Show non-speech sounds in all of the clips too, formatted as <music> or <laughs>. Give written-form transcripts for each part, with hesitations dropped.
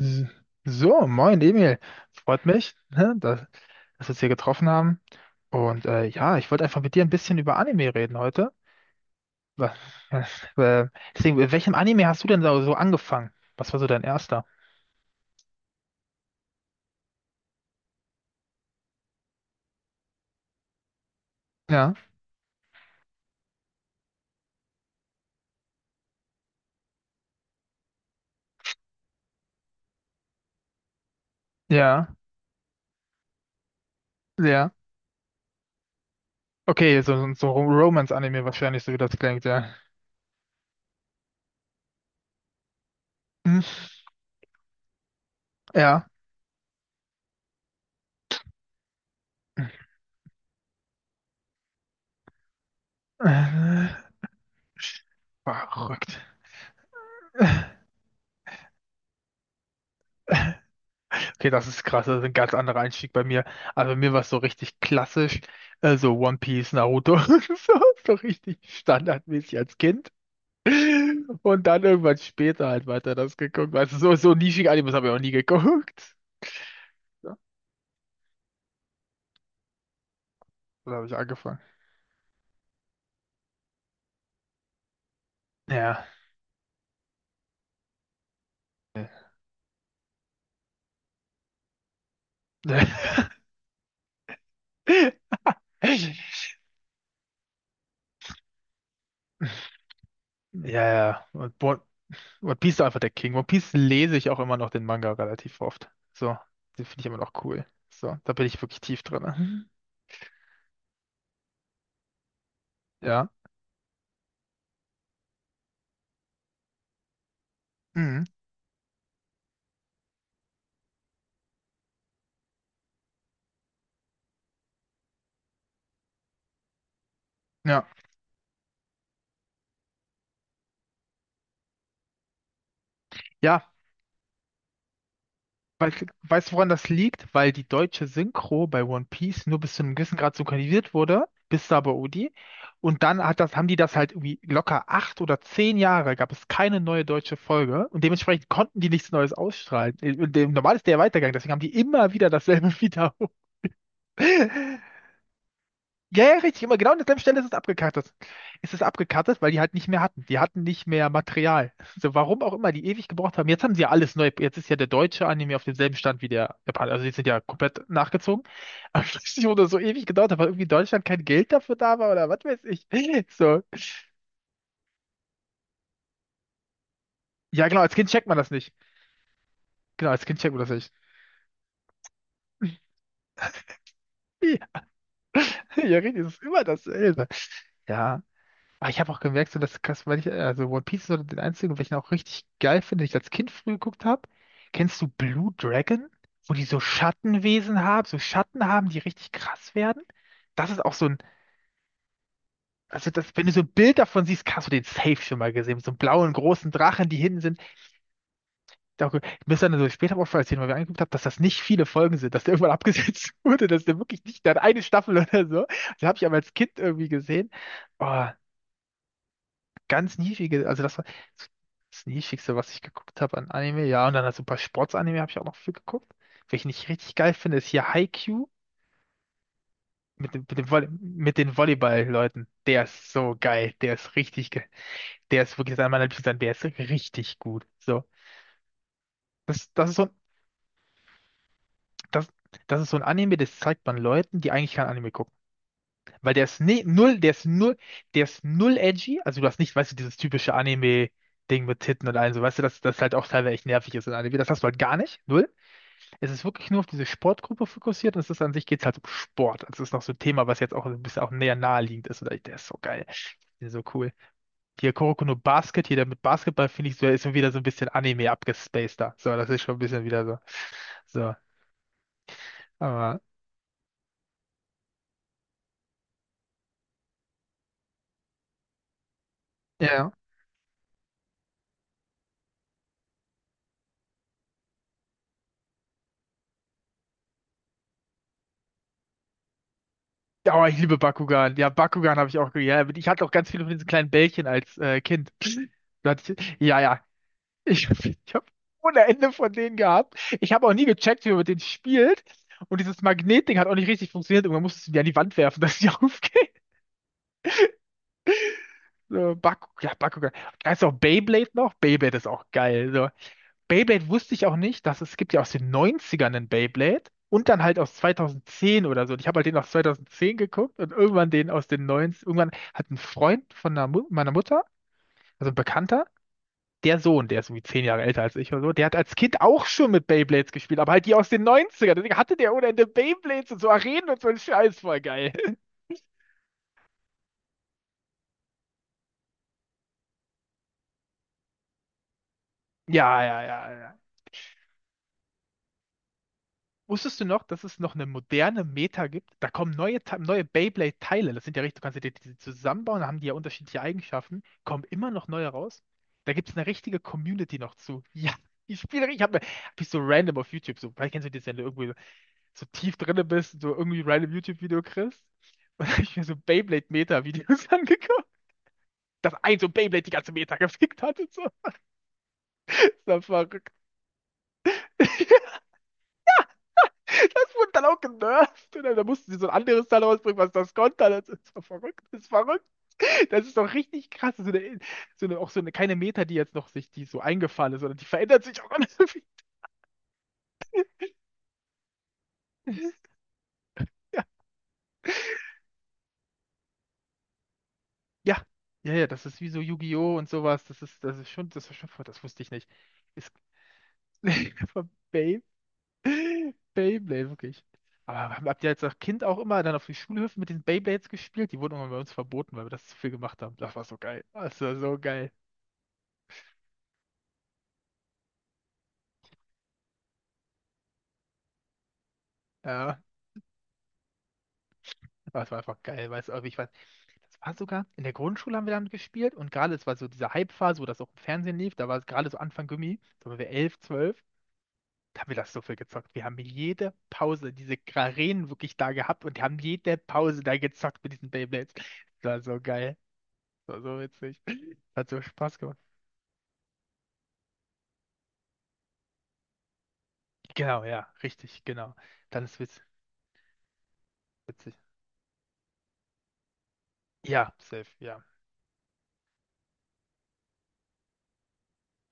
S- So, moin Emil. Freut mich, ne, dass wir uns hier getroffen haben. Und ja, ich wollte einfach mit dir ein bisschen über Anime reden heute. Wa- ja, <laughs> Äh, deswegen, mit welchem Anime hast du denn so angefangen? Was war so dein erster? Ja, ja, ja. Okay, so Romance-Anime wahrscheinlich, so wie das klingt, ja. Hm, ja. Äh, verrückt. Okay, das ist krass, das ist ein ganz anderer Einstieg bei mir. Also bei mir war es so richtig klassisch, so One Piece, Naruto, <laughs> so, so richtig standardmäßig als Kind. Und dann irgendwann später halt weiter das geguckt. Weißt du, so nischige Animes habe ich auch nie geguckt. Ja, da habe ich angefangen. Ja. <laughs> Ja, ja. Und One Piece ist einfach der King. One Piece lese ich auch immer noch den Manga relativ oft. So, den finde ich immer noch cool. So, da bin ich wirklich tief drin. Ja. Mhm. Ja. Ja, weil, weißt du, woran das liegt? Weil die deutsche Synchro bei One Piece nur bis zu einem gewissen Grad synchronisiert wurde, bis Sabaody. Und dann hat das, haben die das halt irgendwie locker 8 oder 10 Jahre, gab es keine neue deutsche Folge. Und dementsprechend konnten die nichts Neues ausstrahlen. Normal ist der Weitergang, deswegen haben die immer wieder dasselbe <laughs> wiederholt. Ja, ja, richtig, immer genau an derselben Stelle ist es abgekattet. Es ist abgekattet, weil die halt nicht mehr hatten. Die hatten nicht mehr Material. So, warum auch immer, die ewig gebraucht haben. Jetzt haben sie ja alles neu. Jetzt ist ja der deutsche Anime auf demselben Stand wie der Japaner. Also die sind ja komplett nachgezogen. <laughs> Aber ich weiß nicht, wo das so ewig gedauert hat, weil irgendwie in Deutschland kein Geld dafür da war oder was weiß ich. <laughs> So. Ja, genau, als Kind checkt man das nicht. Genau, als Kind checkt man das nicht. <laughs> Ja, richtig, es ist immer dasselbe. Ja. Aber ich habe auch gemerkt, so dass krass, weil ich, also One Piece ist so den einzigen, welchen ich auch richtig geil finde, den ich als Kind früh geguckt habe. Kennst du Blue Dragon? Wo die so Schattenwesen haben, so Schatten haben, die richtig krass werden? Das ist auch so ein, also das, wenn du so ein Bild davon siehst, hast du den safe schon mal gesehen, mit so einem blauen großen Drachen, die hinten sind. Ich dachte, mir ist dann so später auch erzählen, weil wir angeguckt haben, dass das nicht viele Folgen sind, dass der irgendwann <laughs> abgesetzt wurde, dass der wirklich nicht, der hat eine Staffel oder so. Das habe ich aber als Kind irgendwie gesehen. Oh. Ganz niedrige, also das war das niedrigste, was ich geguckt habe an Anime. Ja, und dann halt so ein paar Sportsanime habe ich auch noch viel geguckt. Welchen ich richtig geil finde, ist hier Haikyuu mit den Volleyball-Leuten. Der ist so geil. Der ist richtig geil. Der ist wirklich einer meiner Lieblings, der ist richtig gut. So. Das, das ist so ein, das, das ist so ein Anime, das zeigt man Leuten, die eigentlich kein Anime gucken. Weil der ist ne, null, der ist null, der ist null edgy. Also du hast nicht, weißt du, dieses typische Anime-Ding mit Titten und allem, so weißt du, dass das halt auch teilweise echt nervig ist in Anime. Das hast du halt gar nicht. Null. Es ist wirklich nur auf diese Sportgruppe fokussiert und es ist an sich geht's halt um Sport. Also es ist noch so ein Thema, was jetzt auch ein bisschen auch näher naheliegend ist. Der ist so geil. Der ist so cool. Hier Kuroko no Basket, hier der mit Basketball, finde ich, so, ist schon wieder so ein bisschen Anime abgespaceder. So, das ist schon ein bisschen wieder so. So. Aber. Ja. Ja, oh, ich liebe Bakugan. Ja, Bakugan habe ich auch. Ja, ich hatte auch ganz viele von diesen kleinen Bällchen als Kind. Da hatte ich, ja, ja. Ich, <laughs> ich habe ohne Ende von denen gehabt. Ich habe auch nie gecheckt, wie man mit denen spielt. Und dieses Magnetding hat auch nicht richtig funktioniert. Irgendwann musstest du die an die Wand werfen, dass sie <laughs> aufgeht. So, Bakugan. Da ist auch Beyblade noch. Beyblade ist auch geil. So. Beyblade wusste ich auch nicht, dass es gibt ja aus den Neunzigern einen Beyblade und dann halt aus 2010 oder so. Und ich habe halt den aus 2010 geguckt und irgendwann den aus den 90 Irgendwann hat ein Freund von einer Mu meiner Mutter, also ein Bekannter, der Sohn, der ist irgendwie 10 Jahre älter als ich oder so, der hat als Kind auch schon mit Beyblades gespielt, aber halt die aus den Neunzigern. Ern Deswegen hatte der ohne Ende Beyblades und so Arenen und so ein Scheiß, voll geil. <laughs> Ja, ja, ja, ja. Wusstest du noch, dass es noch eine moderne Meta gibt? Da kommen neue Beyblade-Teile. Das sind ja richtig, du kannst ja die zusammenbauen, da haben die ja unterschiedliche Eigenschaften. Kommen immer noch neue raus. Da gibt es eine richtige Community noch zu. <laughs> Ja, ich spiele, ich habe hab ich so random auf YouTube, so, vielleicht kennst du das, wenn du irgendwie so tief drinne bist, und so irgendwie random YouTube-Video kriegst. Und da habe ich mir so Beyblade-Meta-Videos <laughs> angeguckt. Dass ein so Beyblade die ganze Meta <laughs> gefickt hat und so. Ist doch verrückt. Das wurde dann auch genervt. Und dann, da mussten sie so ein anderes Teil rausbringen, was das konnte. Das ist so verrückt. Das ist doch richtig krass. Auch so eine, keine Meta, die jetzt noch sich, die so eingefallen ist, sondern die verändert sich auch ganz viel. <laughs> Ja, ja, ja, ja, das ist wie so Yu-Gi-Oh! Und sowas. Das ist schon, voll- Das wusste ich nicht. Ist, <laughs> von Bey, Beyblade, wirklich. Aber habt ihr als Kind auch immer dann auf den Schulhöfen mit den Beyblades gespielt? Die wurden immer bei uns verboten, weil wir das zu viel gemacht haben. Das war so geil. Das war so geil. Ja. Aber es war einfach geil, weißt du, aber ich weiß, das war sogar, in der Grundschule haben wir damit gespielt und gerade, es war so diese Hype-Phase, wo das auch im Fernsehen lief, da war es gerade so Anfang Gummi, da waren wir 11 12 da haben wir das so viel gezockt. Wir haben jede Pause diese Arenen wirklich da gehabt und haben jede Pause da gezockt mit diesen Beyblades. Das war so geil, das war so witzig, das hat so Spaß gemacht. Genau, ja, richtig, genau. Dann ist witz, witzig. Ja, safe, ja,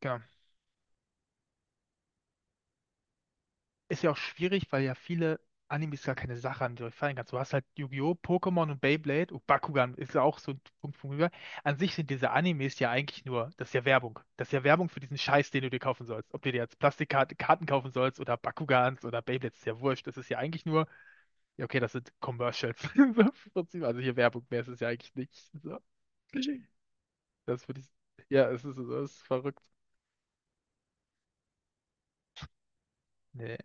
genau. Ist ja auch schwierig, weil ja viele Animes gar keine Sache an die du fallen kannst. Du hast halt Yu-Gi-Oh!, Pokémon und Beyblade und Bakugan ist ja auch so ein Punkt von rüber. An sich sind diese Animes ja eigentlich nur, das ist ja Werbung. Das ist ja Werbung für diesen Scheiß, den du dir kaufen sollst. Ob du dir jetzt Plastikkarten kaufen sollst oder Bakugans oder Beyblades, ist ja wurscht. Das ist ja eigentlich nur, ja okay, das sind Commercials. <laughs> So, im Prinzip. Also hier Werbung mehr ist es ja eigentlich nicht. So. Das würde ich, ja, es ist verrückt. Nee.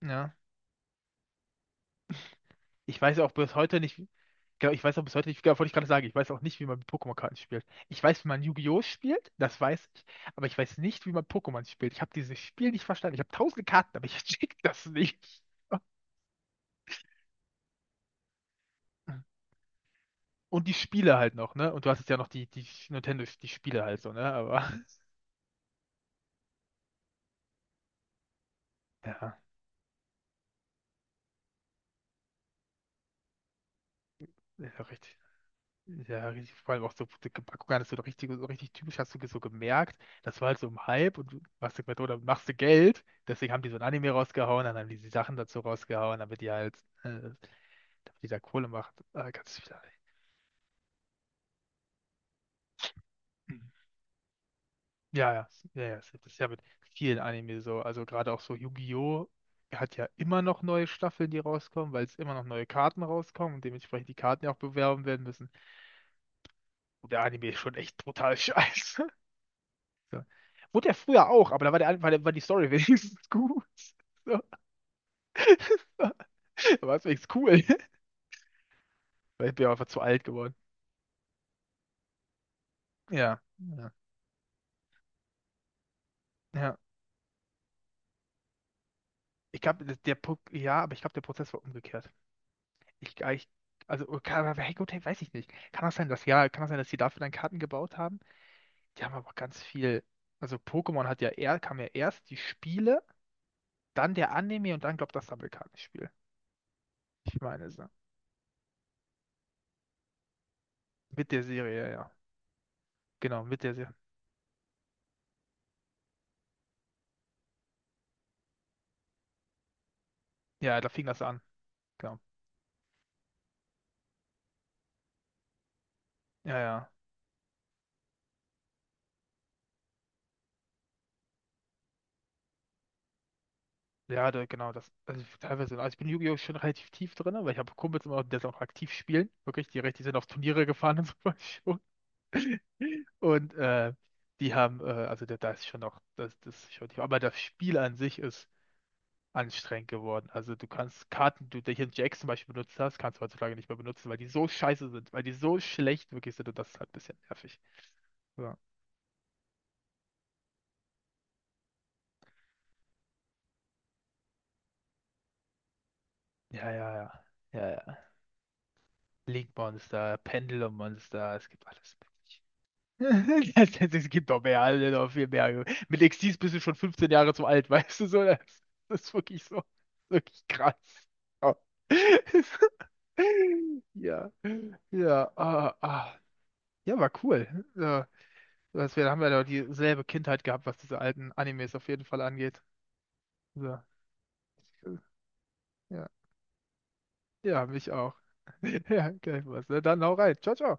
Ja. Ich weiß auch bis heute nicht, wie- genau, ich weiß auch bis heute nicht, genau, wollte ich gerade sagen, ich weiß auch nicht, wie man mit Pokémon-Karten spielt. Ich weiß, wie man Yu-Gi-Oh! Spielt, das weiß ich, aber ich weiß nicht, wie man Pokémon spielt. Ich habe dieses Spiel nicht verstanden. Ich habe tausende Karten, aber ich <laughs> check das nicht. Und die Spiele halt noch, ne? Und du hast jetzt ja noch die Nintendo, die Spiele halt so, ne? Aber <laughs> ja, ist auch richtig. Ja, richtig, vor allem auch so dicke Packung hattest du doch richtig, so richtig typisch, hast du so gemerkt, das war halt so im Hype und du machst du oder machst du Geld, deswegen haben die so ein Anime rausgehauen, dann haben die die Sachen dazu rausgehauen, damit die halt, damit die da Kohle macht. Ganz viel. Mhm. Ja, ja, ja, ja, das ist ja mit vielen Anime so, also gerade auch so Yu-Gi-Oh! Hat ja immer noch neue Staffeln, die rauskommen, weil es immer noch neue Karten rauskommen und dementsprechend die Karten ja auch bewerben werden müssen. Und der Anime ist schon echt brutal <laughs> scheiße. So. Wurde er früher auch, aber da war die Story <laughs> wenigstens gut. So. <laughs> Da war es wenigstens cool. Weil ich bin ja einfach zu alt geworden. Ja, ja, ja. Ich glaube, der Prozess war umgekehrt. Ich also, kann, hey, gut, hey, weiß ich nicht. Kann das sein, dass die dafür dann Karten gebaut haben? Die haben aber ganz viel. Also Pokémon hat ja eher, kam ja erst die Spiele, dann der Anime und dann, glaube das Sammelkartenspiel. Ich meine so. Mit der Serie, ja. Ja. Genau, mit der Serie. Ja, da fing das an. Genau. Ja, ja. Ja, genau, also ich- teilweise, also ich bin in Yu-Gi-Oh! Schon relativ tief drin, ne, weil ich habe Kumpels immer, die das auch aktiv spielen, wirklich, die sind auf Turniere gefahren <laughs> und sowas schon. Und also da ist schon noch, das ist schon tief, aber das Spiel an sich ist anstrengend geworden. Also du kannst Karten, die du hier in Jax zum Beispiel benutzt hast, kannst du heutzutage nicht mehr benutzen, weil die so scheiße sind, weil die so schlecht wirklich sind und das ist halt ein bisschen nervig. Ja, ja, ja, ja, ja, ja. Link-Monster, Pendulum-Monster, es gibt alles mögliche. <laughs> Es gibt doch mehr, also noch viel mehr. Mit Xyz bist du schon 15 Jahre zu alt, <laughs> weißt du so? Das ist wirklich so, wirklich krass. Ja, <laughs> ja, ja, ah, ah. Ja, war cool. Ja, was wir da haben wir doch dieselbe Kindheit gehabt, was diese alten Animes auf jeden Fall angeht. So. Ja, ja, mich auch. <laughs> Ja, gleich was. Ne? Dann hau rein. Ciao, ciao.